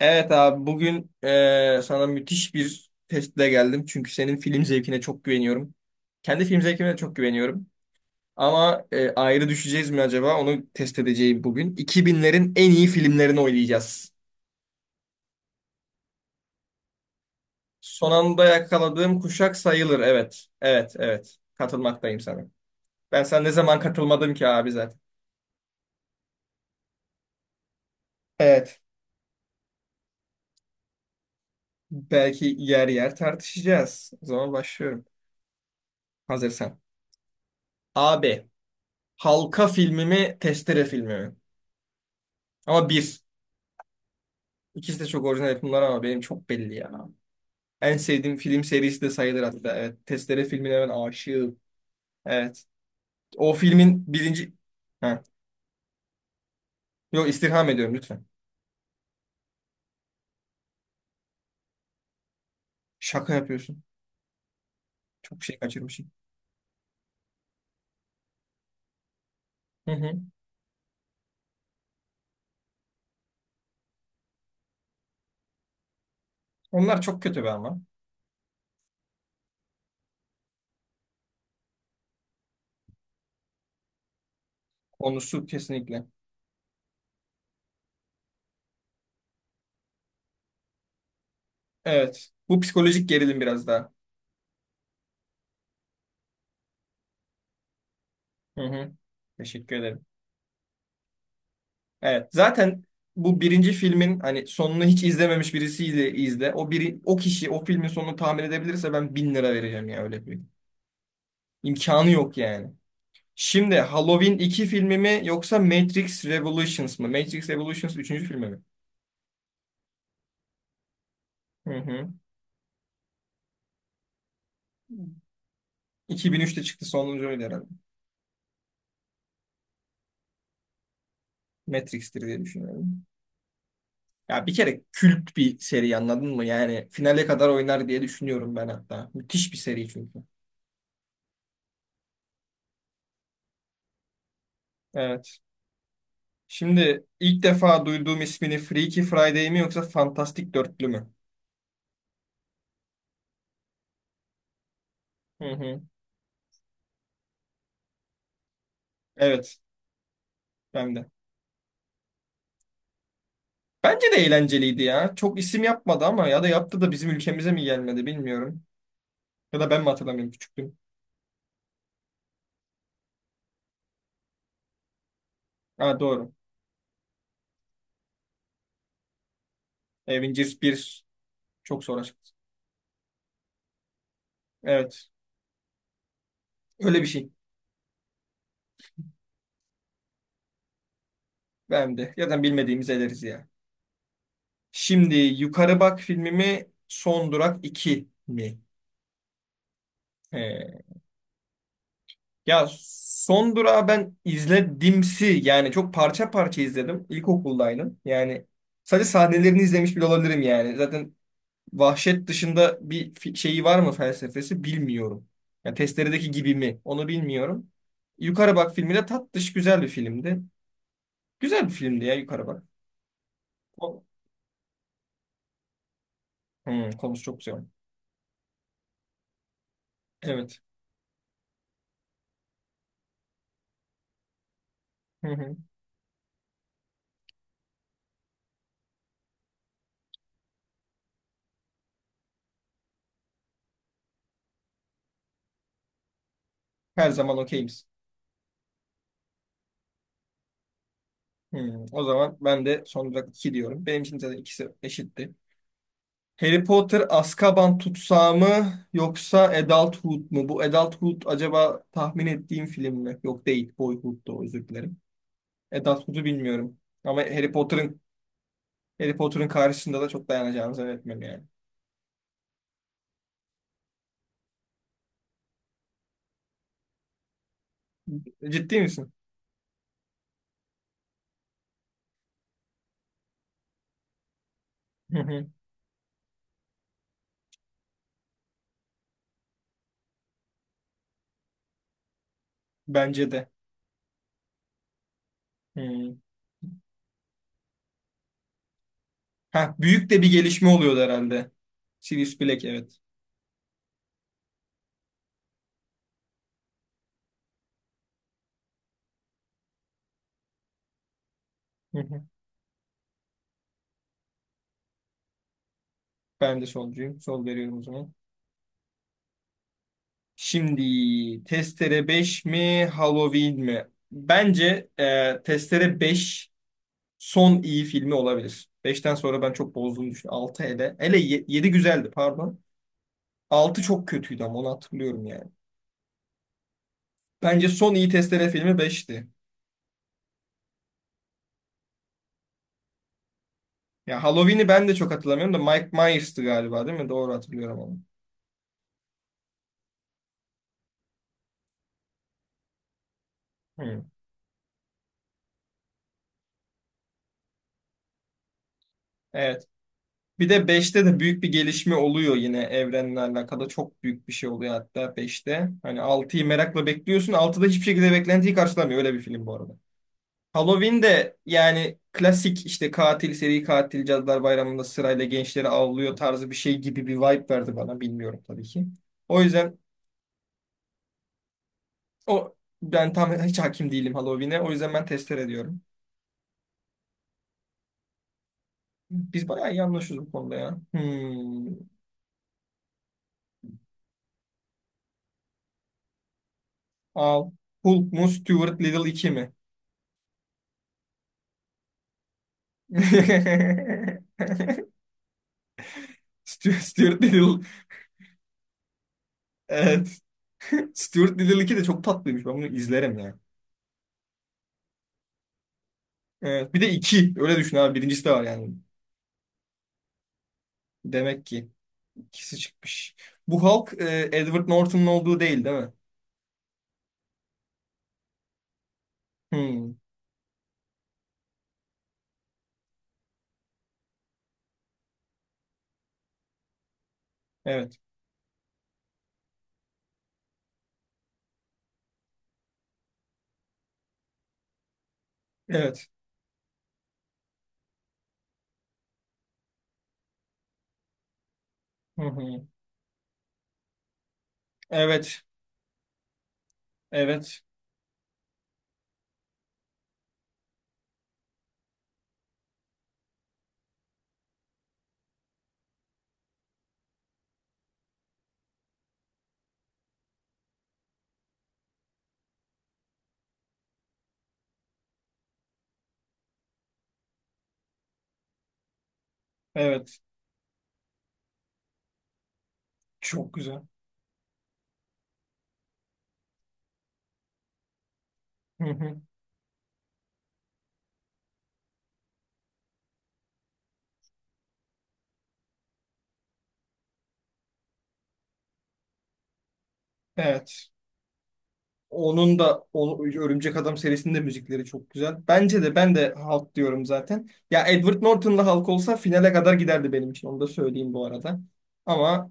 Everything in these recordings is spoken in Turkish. Evet abi bugün sana müthiş bir testle geldim. Çünkü senin film zevkine çok güveniyorum. Kendi film zevkime de çok güveniyorum. Ama ayrı düşeceğiz mi acaba? Onu test edeceğim bugün. 2000'lerin en iyi filmlerini oynayacağız. Son anda yakaladığım kuşak sayılır. Evet, evet, evet. Katılmaktayım sana. Ben sana ne zaman katılmadım ki abi zaten. Evet. Belki yer yer tartışacağız. O zaman başlıyorum. Hazırsan. Abi. Halka filmi mi, Testere filmi mi? Ama bir. İkisi de çok orijinal yapımlar ama benim çok belli ya. En sevdiğim film serisi de sayılır hatta. Evet. Testere filmine ben aşığım. Evet. O filmin birinci... Ha. Yok, istirham ediyorum lütfen. Şaka yapıyorsun. Çok şey kaçırmışım. Hı hı. Onlar çok kötü be ama. Konusu kesinlikle. Evet. Bu psikolojik gerilim biraz daha. Hı hı. Teşekkür ederim. Evet. Zaten bu birinci filmin hani sonunu hiç izlememiş birisiyle izle. O biri, o kişi o filmin sonunu tahmin edebilirse ben 1.000 lira vereceğim ya öyle bir. İmkanı yok yani. Şimdi Halloween iki filmi mi yoksa Matrix Revolutions mı? Matrix Revolutions üçüncü filmi mi? Hı hı. 2003'te çıktı sonuncu herhalde. Matrix'tir diye düşünüyorum. Ya bir kere kült bir seri, anladın mı? Yani finale kadar oynar diye düşünüyorum ben hatta. Müthiş bir seri çünkü. Evet. Şimdi ilk defa duyduğum ismini Freaky Friday mi yoksa Fantastic Dörtlü mü? Hı hı. Evet. Ben de. Bence de eğlenceliydi ya. Çok isim yapmadı ama ya da yaptı da bizim ülkemize mi gelmedi bilmiyorum. Ya da ben mi hatırlamıyorum, küçüktüm? Ha, doğru. Avengers bir çok sonra çıktı. Evet. Öyle bir şey. Ben de. Zaten bilmediğimiz ederiz ya. Şimdi Yukarı Bak filmimi Son Durak iki mi? He. Ya Son Durak'ı ben izledimsi. Yani çok parça parça izledim. İlkokuldaydım. Yani sadece sahnelerini izlemiş bile olabilirim yani. Zaten vahşet dışında bir şeyi var mı felsefesi bilmiyorum. Yani testeredeki gibi mi onu bilmiyorum. Yukarı Bak filmi de tatlış güzel bir filmdi. Güzel bir filmdi ya Yukarı Bak. O- Hmm, konusu çok güzel. Evet. Hı hı. Her zaman okeyiz. Hmm, o zaman ben de son olarak iki diyorum. Benim için de ikisi eşitti. Harry Potter Azkaban tutsağı mı yoksa Adulthood mu? Bu Adulthood acaba tahmin ettiğim film mi? Yok, değil. Boyhood'du, özür dilerim. Adulthood'u bilmiyorum. Ama Harry Potter'ın karşısında da çok dayanacağını zannetmiyorum yani. Ciddi misin? Hı hı. Bence de. Hı. Ha, büyük de bir gelişme oluyordu herhalde. Sirius Black, evet. Hı hı. Ben de solcuyum. Sol veriyorum o zaman. Şimdi Testere beş mi Halloween mi? Bence Testere beş son iyi filmi olabilir. Beşten sonra ben çok bozduğunu düşünüyorum. 6 hele. Hele 7 güzeldi, pardon. 6 çok kötüydü ama onu hatırlıyorum yani. Bence son iyi Testere filmi beşti. Ya Halloween'i ben de çok hatırlamıyorum da Mike Myers'tı galiba, değil mi? Doğru hatırlıyorum onu. Hı. Evet. Bir de beşte de büyük bir gelişme oluyor yine evrenle alakalı. Çok büyük bir şey oluyor hatta beşte. Hani 6'yı merakla bekliyorsun. Altıda hiçbir şekilde beklentiyi karşılamıyor. Öyle bir film bu arada. Halloween de yani klasik işte katil, seri katil, Cadılar Bayramı'nda sırayla gençleri avlıyor tarzı bir şey gibi bir vibe verdi bana. Bilmiyorum tabii ki. O yüzden o ben tam hiç hakim değilim Halloween'e. O yüzden ben tester ediyorum. Biz bayağı iyi anlaşıyoruz bu konuda ya. Hmm. Al. Hulk mu Stuart Little iki mi? Stuart Little. Evet. Stuart Little iki de çok tatlıymış. Ben bunu izlerim ya. Evet. Bir de 2. Öyle düşün abi. Birincisi de var yani. Demek ki ikisi çıkmış. Bu Hulk Edward Norton'un olduğu değil, değil mi? Hmm. Evet. Evet. Hı hı. Evet. Evet. Evet. Çok güzel. Hı hı. Evet. Onun da o, Örümcek Adam serisinin de müzikleri çok güzel. Bence de ben de Hulk diyorum zaten. Ya Edward Norton'la Hulk olsa finale kadar giderdi benim için. Onu da söyleyeyim bu arada. Ama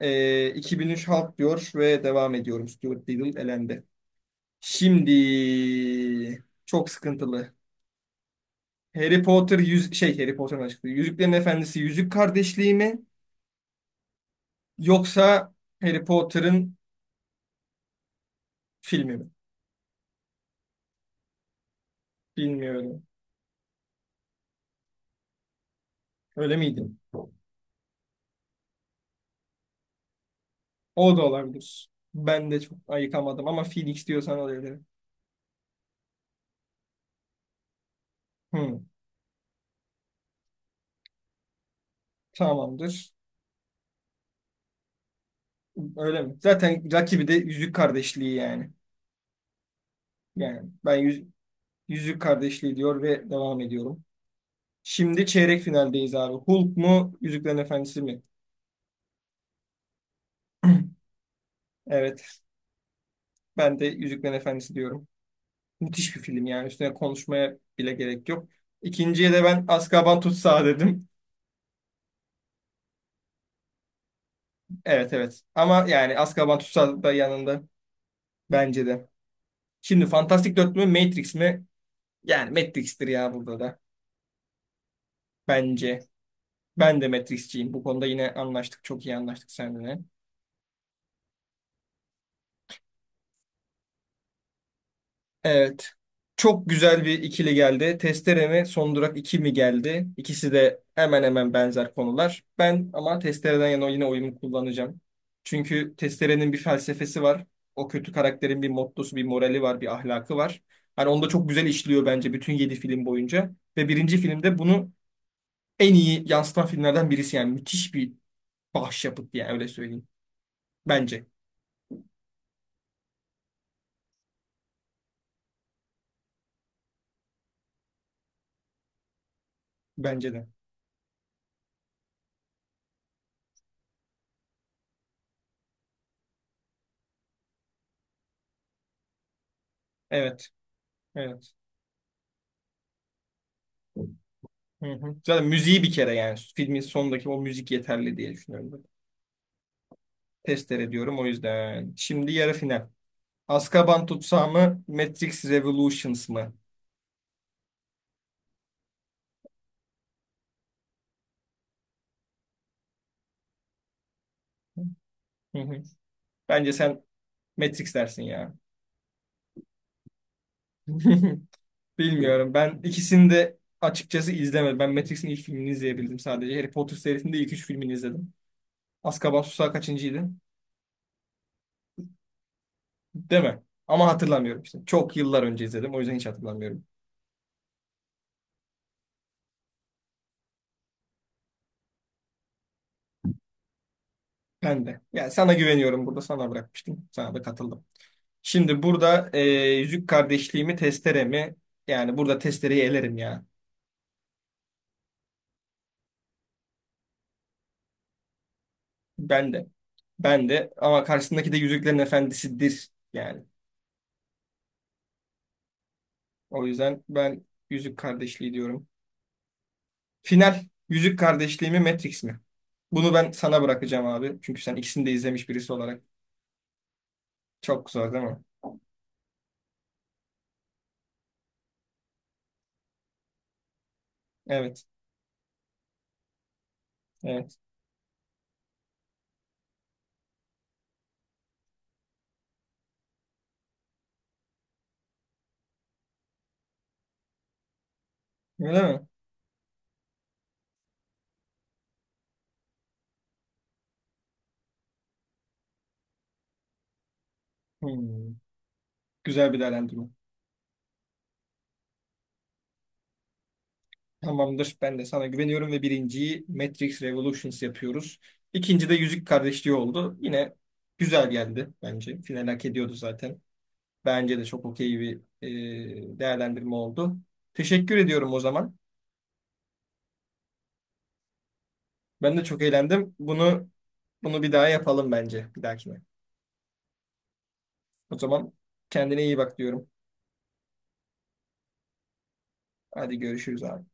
2003 Hulk diyor ve devam ediyorum. Stuart Little elendi. Şimdi çok sıkıntılı. Harry Potter yüz şey Harry Potter'ın açıklığı. Yüzüklerin Efendisi Yüzük Kardeşliği mi yoksa Harry Potter'ın filmi mi? Bilmiyorum. Öyle miydi? O da olabilir. Ben de çok ayıkamadım ama Phoenix diyorsan olabilir. Hı, tamamdır. Öyle mi? Zaten rakibi de Yüzük Kardeşliği yani. Yani ben yüz, Yüzük Kardeşliği diyor ve devam ediyorum. Şimdi çeyrek finaldeyiz abi. Hulk mu, Yüzüklerin Efendisi mi? Evet, ben de Yüzüklerin Efendisi diyorum. Müthiş bir film yani. Üstüne konuşmaya bile gerek yok. İkinciye de ben Azkaban Tutsağı dedim. Evet, evet. Ama yani Azkaban Tutsağı da yanında bence de. Şimdi Fantastic 4 mü Matrix mi? Yani Matrix'tir ya burada da. Bence. Ben de Matrix'ciyim. Bu konuda yine anlaştık. Çok iyi anlaştık seninle. Evet. Çok güzel bir ikili geldi. Testere mi, Son Durak iki mi geldi? İkisi de hemen hemen benzer konular. Ben ama Testere'den yana yine oyumu kullanacağım. Çünkü Testere'nin bir felsefesi var. O kötü karakterin bir mottosu, bir morali var, bir ahlakı var. Hani onu da çok güzel işliyor bence bütün 7 film boyunca. Ve birinci filmde bunu en iyi yansıtan filmlerden birisi. Yani müthiş bir başyapıt yani öyle söyleyeyim. Bence. Bence de. Evet. Evet. Hı hı. Zaten müziği bir kere yani filmin sondaki o müzik yeterli diye düşünüyorum ben. Testere ediyorum o yüzden. Şimdi yarı final. Azkaban tutsağı mı? Matrix Revolutions mı? Hı hı. Bence sen Matrix dersin ya. Bilmiyorum. Ben ikisini de açıkçası izlemedim. Ben Matrix'in ilk filmini izleyebildim sadece. Harry Potter serisinin de ilk üç filmini izledim. Azkaban Susağı kaçıncıydın? Değil mi? Ama hatırlamıyorum işte. Çok yıllar önce izledim. O yüzden hiç hatırlamıyorum. Ben de. Yani sana güveniyorum. Burada sana bırakmıştım. Sana da katıldım. Şimdi burada yüzük kardeşliğimi testere mi? Yani burada testereyi elerim ya. Ben de. Ben de. Ama karşısındaki de Yüzüklerin Efendisi'dir. Yani. O yüzden ben yüzük kardeşliği diyorum. Final. Yüzük kardeşliği mi Matrix mi? Bunu ben sana bırakacağım abi. Çünkü sen ikisini de izlemiş birisi olarak. Çok zor değil mi? Evet. Evet. Öyle mi? Hmm, güzel bir değerlendirme. Tamamdır. Ben de sana güveniyorum ve birinciyi Matrix Revolutions yapıyoruz. İkinci de Yüzük Kardeşliği oldu. Yine güzel geldi bence. Final hak ediyordu zaten. Bence de çok okey bir değerlendirme oldu. Teşekkür ediyorum o zaman. Ben de çok eğlendim. Bunu bir daha yapalım bence bir dahakine. O zaman kendine iyi bak diyorum. Hadi görüşürüz abi.